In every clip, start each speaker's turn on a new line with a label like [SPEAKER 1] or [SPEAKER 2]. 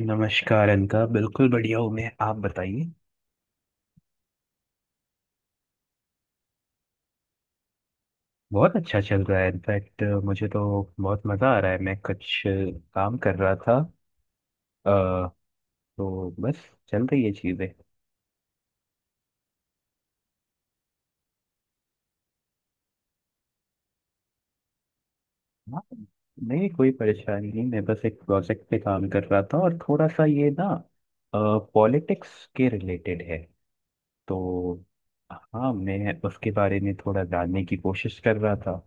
[SPEAKER 1] नमस्कार अनका। बिल्कुल बढ़िया हूँ मैं। आप बताइए। बहुत अच्छा चल रहा है। इनफैक्ट मुझे तो बहुत मज़ा आ रहा है। मैं कुछ काम कर रहा था। अ, तो बस चल रही है चीज़ें। हाँ, नहीं कोई परेशानी नहीं। मैं बस एक प्रोजेक्ट पे काम कर रहा था और थोड़ा सा ये ना पॉलिटिक्स के रिलेटेड है। तो हाँ, मैं उसके बारे में थोड़ा जानने की कोशिश कर रहा था।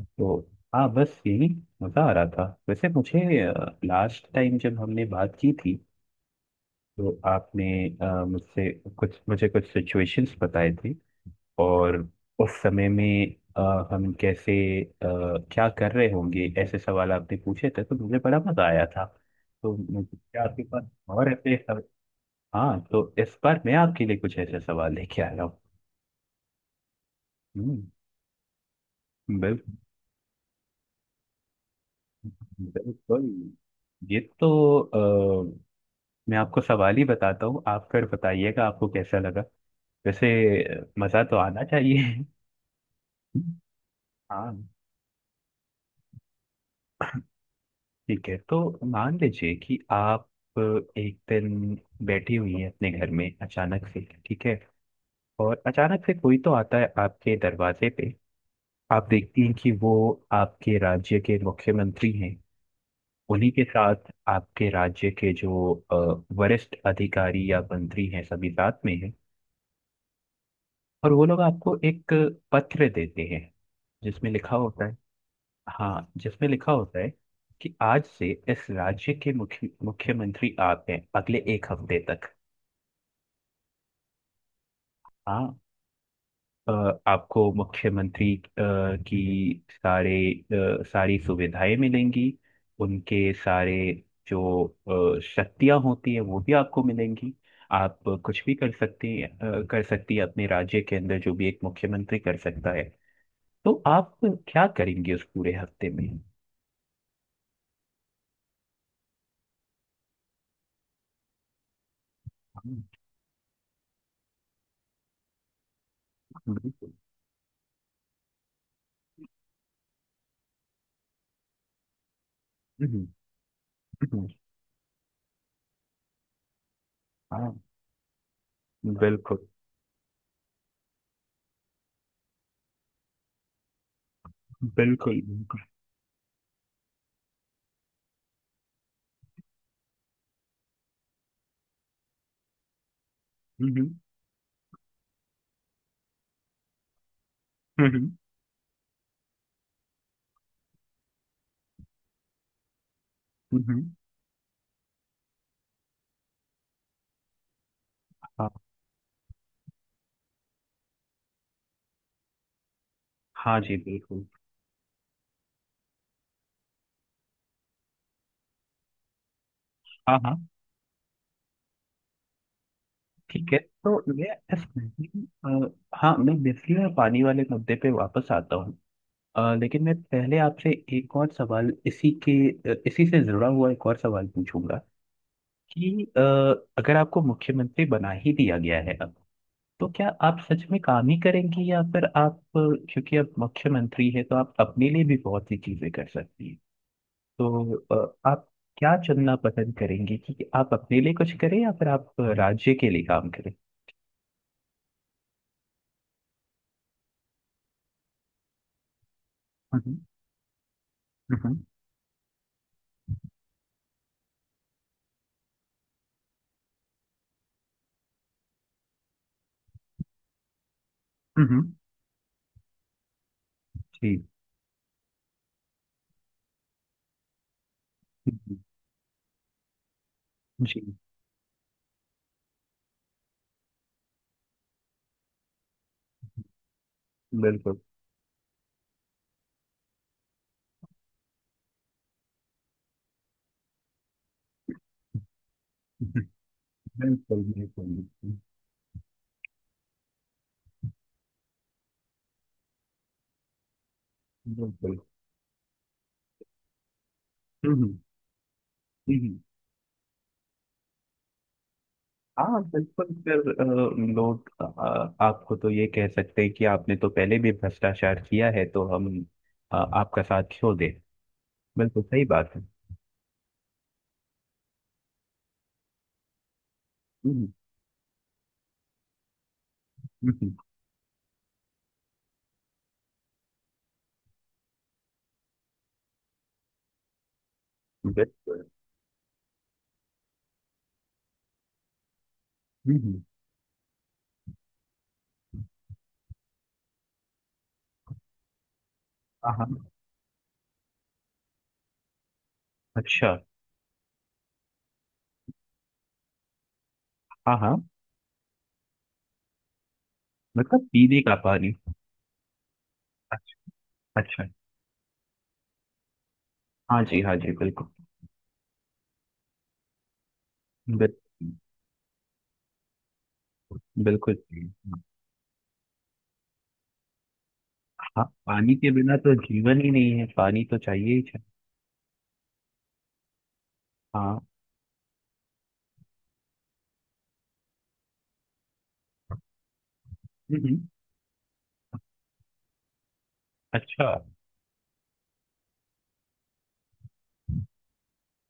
[SPEAKER 1] तो हाँ, बस यही। मज़ा आ रहा था वैसे मुझे। लास्ट टाइम जब हमने बात की थी तो आपने अ, मुझसे कुछ मुझे कुछ सिचुएशंस बताए थे, और उस समय में हम कैसे अ, क्या कर रहे होंगे ऐसे सवाल आपने पूछे थे तो मुझे बड़ा मज़ा आया था। तो मुझे क्या आपके पास और ऐसे सव... हाँ, तो इस बार मैं आपके लिए कुछ ऐसे सवाल लेके आया हूँ। हम्म, बिल- बिल्कुल। ये तो, मैं आपको सवाल ही बताता हूँ, आप फिर बताइएगा आपको कैसा लगा। वैसे मजा तो आना चाहिए। हाँ ठीक है। तो मान लीजिए कि आप अ, एक दिन बैठी हुई हैं अपने घर में अचानक से, ठीक है। और अचानक से कोई तो आता है आपके दरवाजे पे। आप देखती हैं कि वो आपके राज्य के मुख्यमंत्री हैं। उन्हीं के साथ आपके राज्य के जो वरिष्ठ अधिकारी या मंत्री हैं सभी साथ में हैं। और वो लोग आपको एक पत्र देते हैं, जिसमें लिखा होता है। हाँ, जिसमें लिखा होता है कि आज से इस राज्य के मुख्यमंत्री आप हैं अगले एक हफ्ते तक। हाँ, अ, आपको मुख्यमंत्री की सारी सुविधाएं मिलेंगी। उनके सारे जो शक्तियां होती हैं वो भी आपको मिलेंगी। आप कुछ भी कर सकती अ, कर सकती है अपने राज्य के अंदर जो भी एक मुख्यमंत्री कर सकता है। तो आप क्या करेंगे उस पूरे हफ्ते में? हम्म, बिल्कुल। हम्म, हम्म, हाँ बिल्कुल बिल्कुल। बिल्कुल। हम्म, हम्म, हम्म, हम्म। हाँ। हाँ जी, बिल्कुल। हाँ हाँ। ठीक है, तो हाँ, मैं बिजली और पानी वाले मुद्दे पे वापस आता हूँ। लेकिन मैं पहले आपसे एक और सवाल इसी से जुड़ा हुआ एक और सवाल पूछूंगा कि अगर आपको मुख्यमंत्री बना ही दिया गया है तो क्या आप सच में काम ही करेंगी, या फिर आप, क्योंकि आप मुख्यमंत्री हैं तो आप अपने लिए भी बहुत सी चीजें कर सकती हैं, तो आप क्या चुनना पसंद करेंगी, कि आप अपने लिए कुछ करें या फिर आप राज्य के लिए काम करें? हम्म। हम्म। हम्म। जी। जी। जी, बिल्कुल। बिल्कुल। बिल्कुल। बिल्कुल। हम्म। हम्म। हाँ बिल्कुल। फिर लोग आपको तो ये कह सकते हैं कि आपने तो पहले भी भ्रष्टाचार किया है, तो हम आपका साथ छोड़ दें। बिल्कुल सही बात है। हम्म, हम्म, हम्म, बिल्कुल। हम्म। हाँ हाँ। अच्छा। हाँ हाँ। मतलब पीने का पानी? अच्छा। अच्छा। हाँ जी, हाँ जी, बिल्कुल। बिल्कुल। बिल्कुल सही। हाँ, पानी के बिना तो जीवन ही नहीं है, पानी तो चाहिए ही चाहिए। हाँ। हम्म। अच्छा।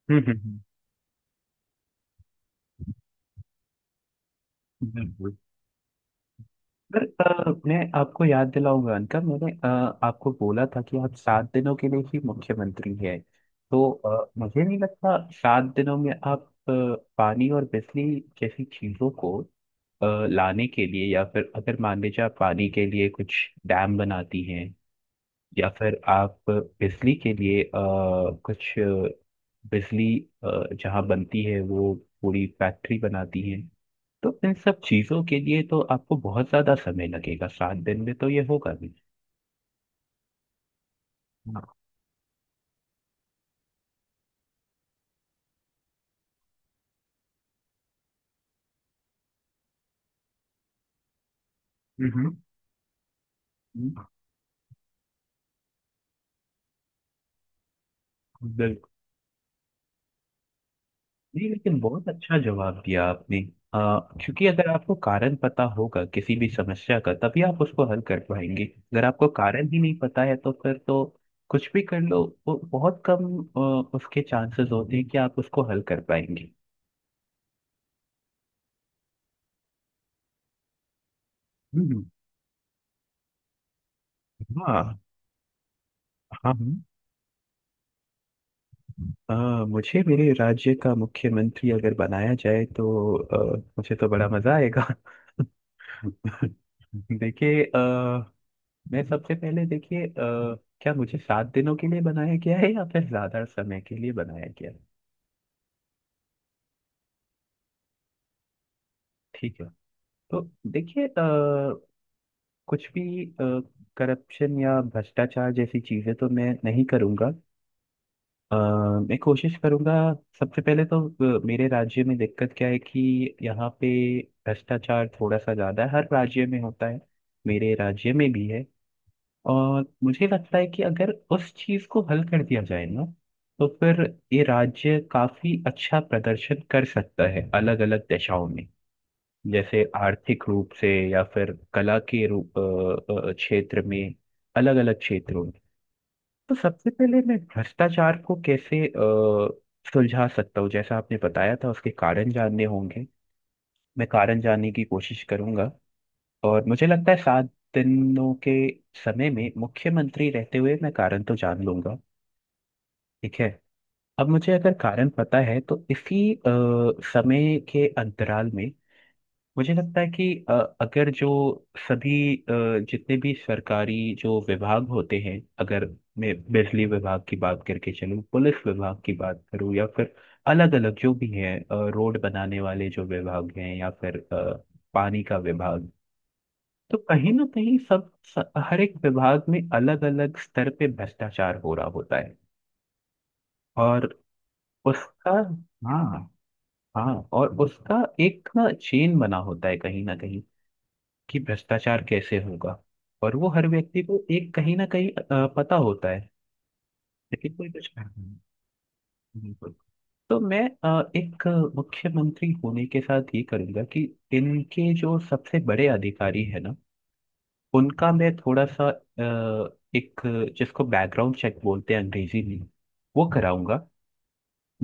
[SPEAKER 1] हम्म। बिल्कुल। सर, मैं आपको याद दिलाऊंगा अनका। मैंने आपको बोला था कि आप 7 दिनों के लिए ही मुख्यमंत्री हैं। तो मुझे नहीं लगता 7 दिनों में आप अ, पानी और बिजली जैसी चीजों को अ, लाने के लिए, या फिर अगर मान लीजिए आप पानी के लिए कुछ डैम बनाती हैं, या फिर आप बिजली के लिए अ, कुछ अ, बिजली अ, जहाँ बनती है वो पूरी फैक्ट्री बनाती है, तो इन सब चीजों के लिए तो आपको बहुत ज्यादा समय लगेगा, 7 दिन में तो ये होगा भी। हाँ। हम्म, हम्म, बिल्कुल। नहीं, लेकिन बहुत अच्छा जवाब दिया आपने। क्योंकि अगर आपको कारण पता होगा किसी भी समस्या का तभी आप उसको हल कर पाएंगे। अगर आपको कारण ही नहीं पता है तो फिर तो कुछ भी कर लो, वो बहुत कम उसके चांसेस होते हैं कि आप उसको हल कर पाएंगे। हम्म, हाँ हाँ। अ, मुझे मेरे राज्य का मुख्यमंत्री अगर बनाया जाए तो मुझे तो बड़ा मजा आएगा। देखिए, मैं सबसे पहले, देखिए क्या मुझे 7 दिनों के लिए बनाया गया है या फिर ज्यादा समय के लिए बनाया गया है? ठीक है, तो देखिए, कुछ भी करप्शन या भ्रष्टाचार जैसी चीजें तो मैं नहीं करूंगा। अ, मैं कोशिश करूंगा, सबसे पहले तो मेरे राज्य में दिक्कत क्या है कि यहाँ पे भ्रष्टाचार थोड़ा सा ज्यादा है। हर राज्य में होता है, मेरे राज्य में भी है। और मुझे लगता है कि अगर उस चीज को हल कर दिया जाए ना, तो फिर ये राज्य काफी अच्छा प्रदर्शन कर सकता है अलग अलग दिशाओं में। जैसे आर्थिक रूप से या फिर कला के रूप अ, अ, क्षेत्र में, अलग अलग क्षेत्रों में। तो सबसे पहले, मैं भ्रष्टाचार को कैसे सुलझा सकता हूँ, जैसा आपने बताया था, उसके कारण जानने होंगे। मैं कारण जानने की कोशिश करूंगा। और मुझे लगता है 7 दिनों के समय में मुख्यमंत्री रहते हुए मैं कारण तो जान लूंगा। ठीक है, अब मुझे अगर कारण पता है तो इसी समय के अंतराल में मुझे लगता है कि अ, अगर जो सभी अ, जितने भी सरकारी जो विभाग होते हैं, अगर मैं बिजली विभाग की बात करके चलूँ, पुलिस विभाग की बात करूँ, या फिर अलग अलग जो भी हैं, रोड बनाने वाले जो विभाग हैं, या फिर पानी का विभाग, तो कहीं ना कहीं हर एक विभाग में अलग अलग स्तर पे भ्रष्टाचार हो रहा होता है। और उसका, हाँ हाँ, और उसका एक ना, चेन बना होता है कहीं ना कहीं, कि भ्रष्टाचार कैसे होगा। और वो हर व्यक्ति को एक कहीं ना कहीं पता होता है। लेकिन कोई कुछ नहीं। बिल्कुल। तो मैं एक मुख्यमंत्री होने के साथ ये करूंगा कि इनके जो सबसे बड़े अधिकारी है ना, उनका मैं थोड़ा सा एक जिसको बैकग्राउंड चेक बोलते हैं अंग्रेजी में, वो कराऊंगा।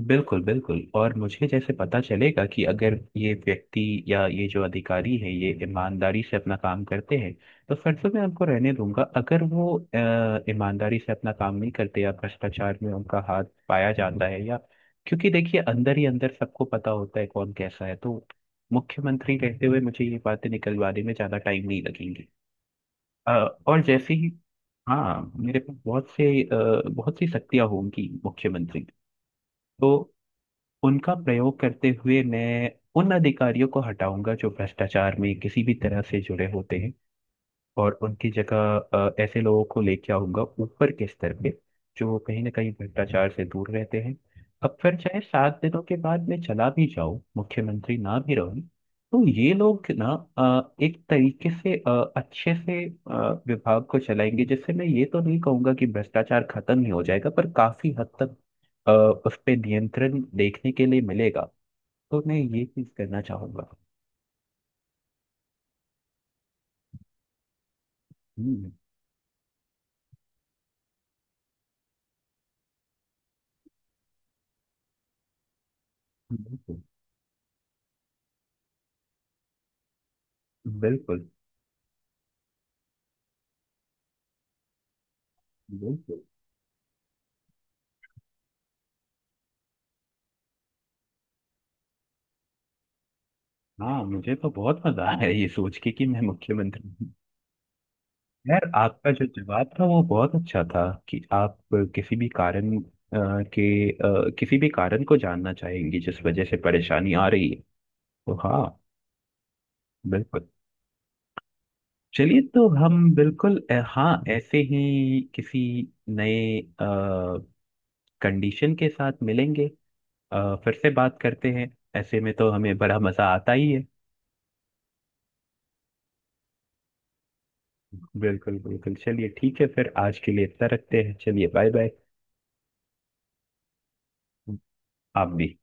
[SPEAKER 1] बिल्कुल बिल्कुल। और मुझे जैसे पता चलेगा कि अगर ये व्यक्ति या ये जो अधिकारी है ये ईमानदारी से अपना काम करते हैं, तो फिर तो मैं उनको रहने दूंगा। अगर वो ईमानदारी से अपना काम नहीं करते या भ्रष्टाचार में उनका हाथ पाया जाता है, या, क्योंकि देखिए, अंदर ही अंदर सबको पता होता है कौन कैसा है, तो मुख्यमंत्री रहते हुए मुझे ये बातें निकलवाने में ज्यादा टाइम नहीं लगेंगे। अ, और जैसे ही हाँ, मेरे पास बहुत सी शक्तियां होंगी मुख्यमंत्री, तो उनका प्रयोग करते हुए मैं उन अधिकारियों को हटाऊंगा जो भ्रष्टाचार में किसी भी तरह से जुड़े होते हैं, और उनकी जगह ऐसे लोगों को लेके आऊंगा ऊपर के स्तर पे, जो कहीं ना कहीं भ्रष्टाचार से दूर रहते हैं। अब फिर चाहे 7 दिनों के बाद मैं चला भी जाऊं, मुख्यमंत्री ना भी रहूं, तो ये लोग ना एक तरीके से अच्छे से विभाग को चलाएंगे, जिससे मैं ये तो नहीं कहूंगा कि भ्रष्टाचार खत्म ही हो जाएगा, पर काफी हद तक अ, उस पे नियंत्रण देखने के लिए मिलेगा। तो मैं ये चीज करना चाहूंगा। हम्म, बिल्कुल बिल्कुल। बिल्कुल। हाँ, मुझे तो बहुत मजा आया ये सोच के कि मैं मुख्यमंत्री हूँ। यार, आपका जो जवाब था वो बहुत अच्छा था, कि आप किसी भी कारण अ, किसी भी कारण को जानना चाहेंगे जिस वजह से परेशानी आ रही है। तो हाँ, बिल्कुल। चलिए, तो हाँ, ऐसे ही किसी नए कंडीशन के साथ मिलेंगे, फिर से बात करते हैं। ऐसे में तो हमें बड़ा मजा आता ही है। बिल्कुल बिल्कुल। चलिए ठीक है, फिर आज के लिए इतना रखते हैं। चलिए, बाय बाय। आप भी।